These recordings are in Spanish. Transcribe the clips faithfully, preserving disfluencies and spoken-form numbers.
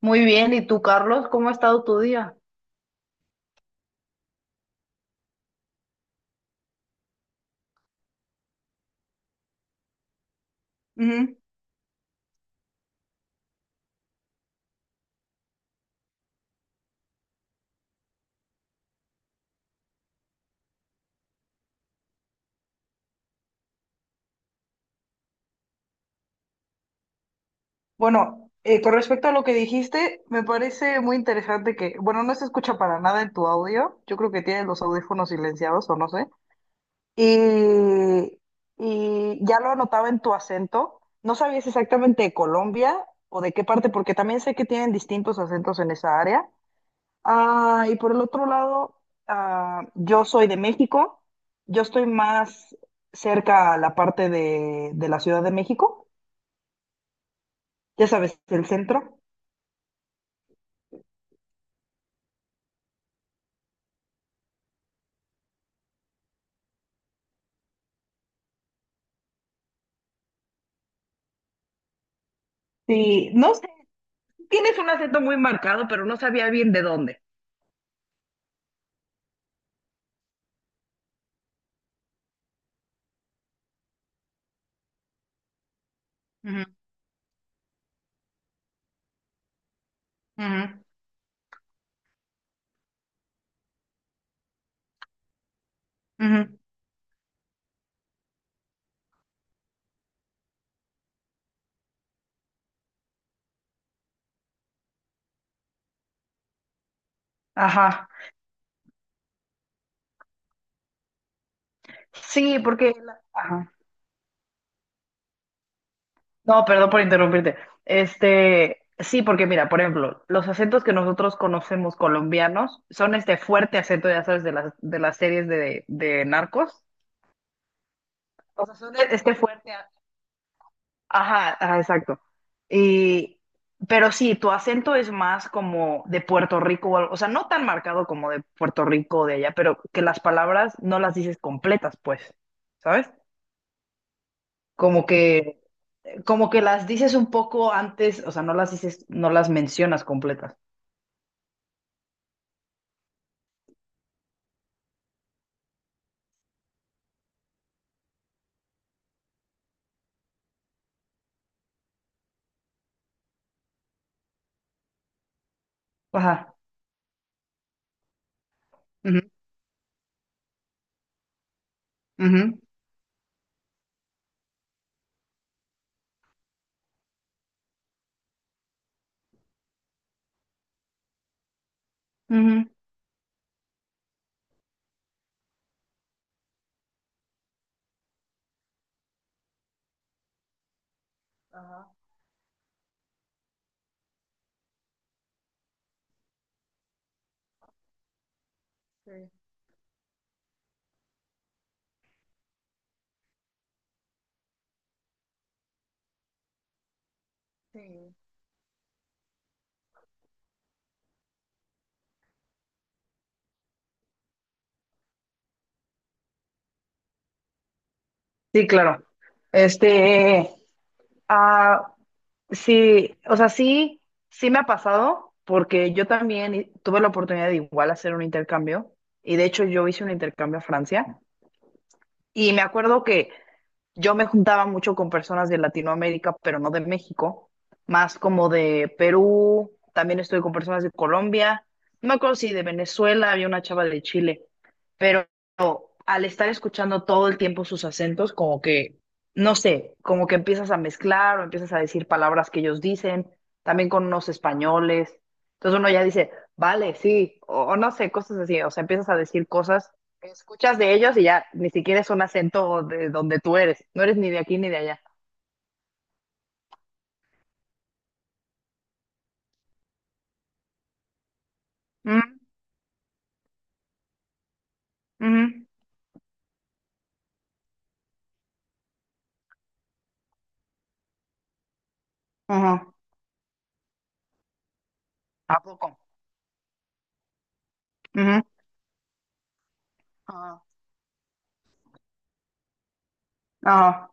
Muy bien, ¿y tú, Carlos? ¿Cómo ha estado tu día? Ujú. Bueno, eh, con respecto a lo que dijiste, me parece muy interesante que, bueno, no se escucha para nada en tu audio, yo creo que tienes los audífonos silenciados o no sé, y, y ya lo anotaba en tu acento, no sabías exactamente de Colombia o de qué parte, porque también sé que tienen distintos acentos en esa área. Ah, y por el otro lado, ah, yo soy de México, yo estoy más cerca a la parte de, de la Ciudad de México, ya sabes, el centro. Sí, no sé, tienes un acento muy marcado, pero no sabía bien de dónde. Ujú, ujú, ujú. Ajá. Sí, porque... la- Ajá. No, perdón por interrumpirte. Este, sí, porque mira, por ejemplo, los acentos que nosotros conocemos colombianos son este fuerte acento, ya sabes, de las, de las series de, de narcos. Osasuna es este fuerte. a- Ajá, ajá, exacto. Y, pero sí, tu acento es más como de Puerto Rico o algo, o sea, no tan marcado como de Puerto Rico o de allá, pero que las palabras no las dices completas, pues, ¿sabes? Como que, como que las dices un poco antes, o sea, no las dices, no las mencionas completas. Ajá. Ujú, ujú, ujú. Ajá, sí, sí. Sí, claro. Este. Ah, sí, o sea, sí, sí me ha pasado porque yo también i- tuve la oportunidad de igual hacer un intercambio y de hecho yo hice un intercambio a Francia y me acuerdo que yo me juntaba mucho con personas de Latinoamérica, pero no de México, más como de Perú, también estuve con personas de Colombia, no me acuerdo si de Venezuela, había una chava de Chile al estar escuchando todo el tiempo sus acentos, como que, no sé, como que empiezas a mezclar o empiezas a decir palabras que ellos dicen, también con unos españoles. Entonces uno ya dice, vale, sí, o, o no sé, cosas así. O sea, empiezas a decir cosas que escuchas de ellos y ya ni siquiera es un acento de donde tú eres. No eres ni de aquí ni de allá. Mm, ujú, ujú. ¿A poco? Ujú, ajá, ajá.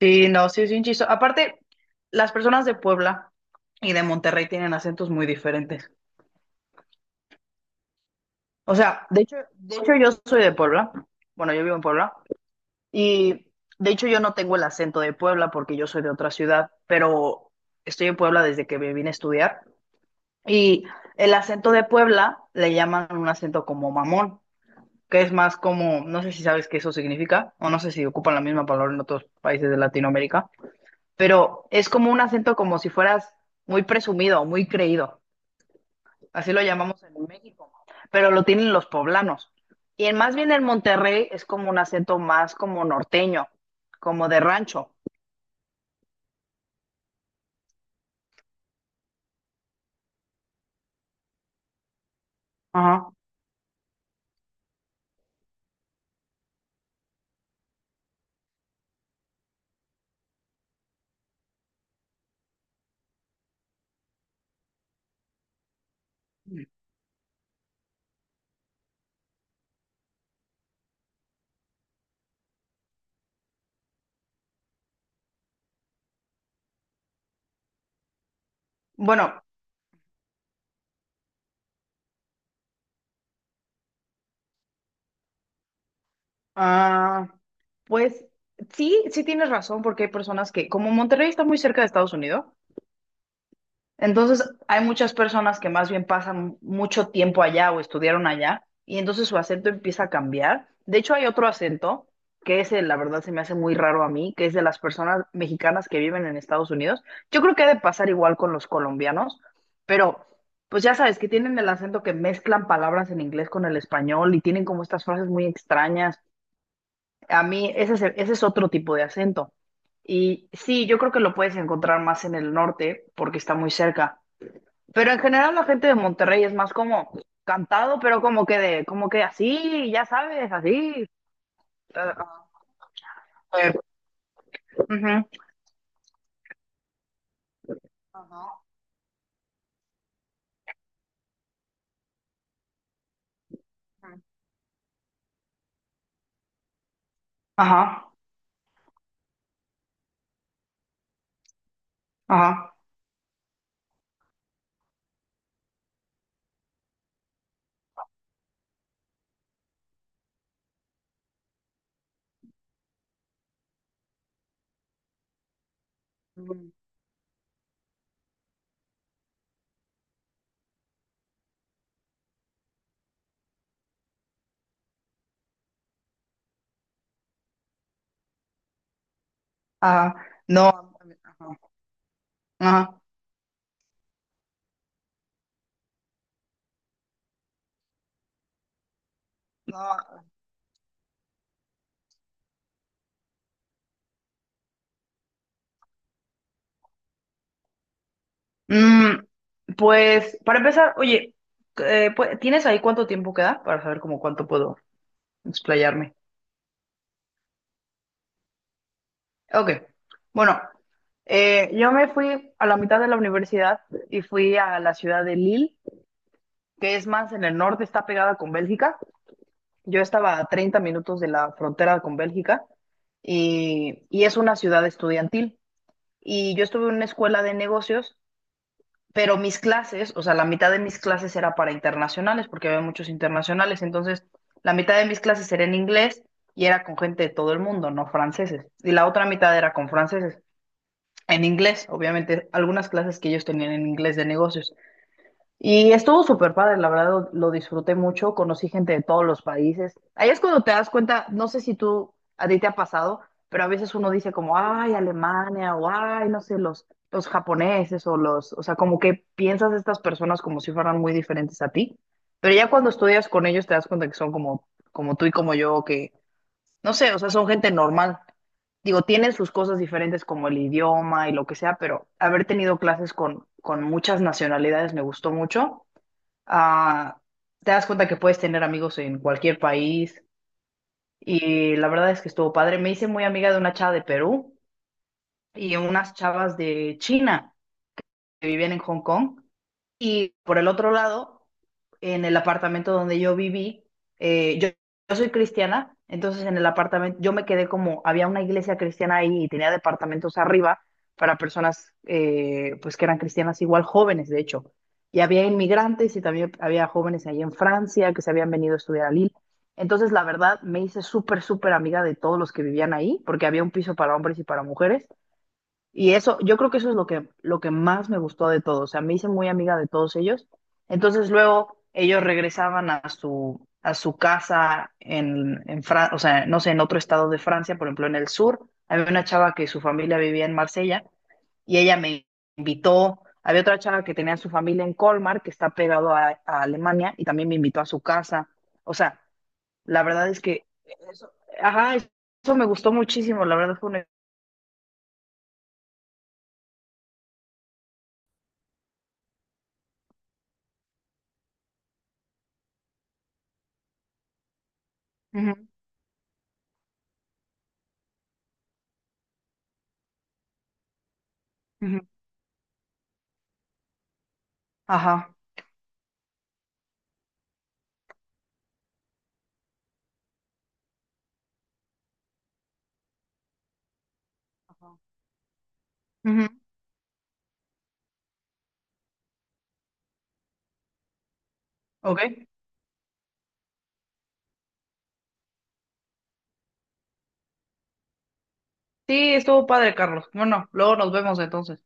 Sí, no, sí, es un chistoso. Aparte, las personas de Puebla y de Monterrey tienen acentos muy diferentes. O sea, de hecho, de hecho yo soy de Puebla. Bueno, yo vivo en Puebla. Y de hecho yo no tengo el acento de Puebla porque yo soy de otra ciudad, pero estoy en Puebla desde que me vine a estudiar. Y el acento de Puebla le llaman un acento como mamón, que es más como, no sé si sabes qué eso significa, o no sé si ocupan la misma palabra en otros países de Latinoamérica, pero es como un acento como si fueras muy presumido, muy creído, así lo llamamos en México, pero lo tienen los poblanos. Y en, más bien en Monterrey es como un acento más como norteño, como de rancho. Ajá. Bueno, ah, pues sí, sí tienes razón porque hay personas que, como Monterrey está muy cerca de Estados Unidos, entonces, hay muchas personas que más bien pasan mucho tiempo allá o estudiaron allá y entonces su acento empieza a cambiar. De hecho, hay otro acento que ese, la verdad, se me hace muy raro a mí, que es de las personas mexicanas que viven en Estados Unidos. Yo creo que ha de pasar igual con los colombianos, pero pues ya sabes que tienen el acento que mezclan palabras en inglés con el español y tienen como estas frases muy extrañas. A mí, ese es, el- ese es otro tipo de acento. Y sí, yo creo que lo puedes encontrar más en el norte porque está muy cerca, pero en general la gente de Monterrey es más como cantado, pero como que de, como que así, ya sabes, así. eh, a ver, ujú. Ajá. Ajá. Ajá, ajá. Mm, ajá. No, no, a mí- ajá. Ajá. No. Mm, pues, para empezar, oye, eh, pu- ¿tienes ahí cuánto tiempo queda? Para saber como cuánto puedo explayarme. Ok. Bueno, eh, yo me fui a la mitad de la universidad y fui a la ciudad de Lille, que es más en el norte, está pegada con Bélgica. Yo estaba a treinta minutos de la frontera con Bélgica y, y es una ciudad estudiantil. Y yo estuve en una escuela de negocios, pero mis clases, o sea, la mitad de mis clases era para internacionales, porque había muchos internacionales. Entonces, la mitad de mis clases era en inglés y era con gente de todo el mundo, no franceses. Y la otra mitad era con franceses, en inglés, obviamente, algunas clases que ellos tenían en inglés de negocios. Y estuvo súper padre, la verdad lo, lo disfruté mucho, conocí gente de todos los países. Ahí es cuando te das cuenta, no sé si tú, a ti te ha pasado, pero a veces uno dice como, ay, Alemania, o ay, no sé, los, los japoneses, o los, o sea, como que piensas de estas personas como si fueran muy diferentes a ti, pero ya cuando estudias con ellos te das cuenta que son como, como tú y como yo, que, no sé, o sea, son gente normal. Digo, tienen sus cosas diferentes como el idioma y lo que sea, pero haber tenido clases con, con muchas nacionalidades me gustó mucho. Ah, te das cuenta que puedes tener amigos en cualquier país y la verdad es que estuvo padre. Me hice muy amiga de una chava de Perú y unas chavas de China que vivían en Hong Kong y por el otro lado, en el apartamento donde yo viví, eh, yo, yo soy cristiana, entonces en el apartamento yo me quedé como, había una iglesia cristiana ahí y tenía departamentos arriba para personas eh, pues que eran cristianas igual jóvenes, de hecho. Y había inmigrantes y también había jóvenes ahí en Francia que se habían venido a estudiar a Lille. Entonces, la verdad, me hice súper, súper amiga de todos los que vivían ahí, porque había un piso para hombres y para mujeres. Y eso, yo creo que eso es lo que, lo que más me gustó de todo. O sea, me hice muy amiga de todos ellos. Entonces luego ellos regresaban a su, a su casa en, en Francia, o sea, no sé, en otro estado de Francia, por ejemplo, en el sur. Había una chava que su familia vivía en Marsella y ella me invitó. Había otra chava que tenía su familia en Colmar, que está pegado a, a Alemania, y también me invitó a su casa. O sea, la verdad es que eso, ajá, eso me gustó muchísimo. La verdad fue una... Ujú, ujú. Ajá. Ujú. Ok. Sí, estuvo padre, Carlos. Bueno, luego nos vemos entonces.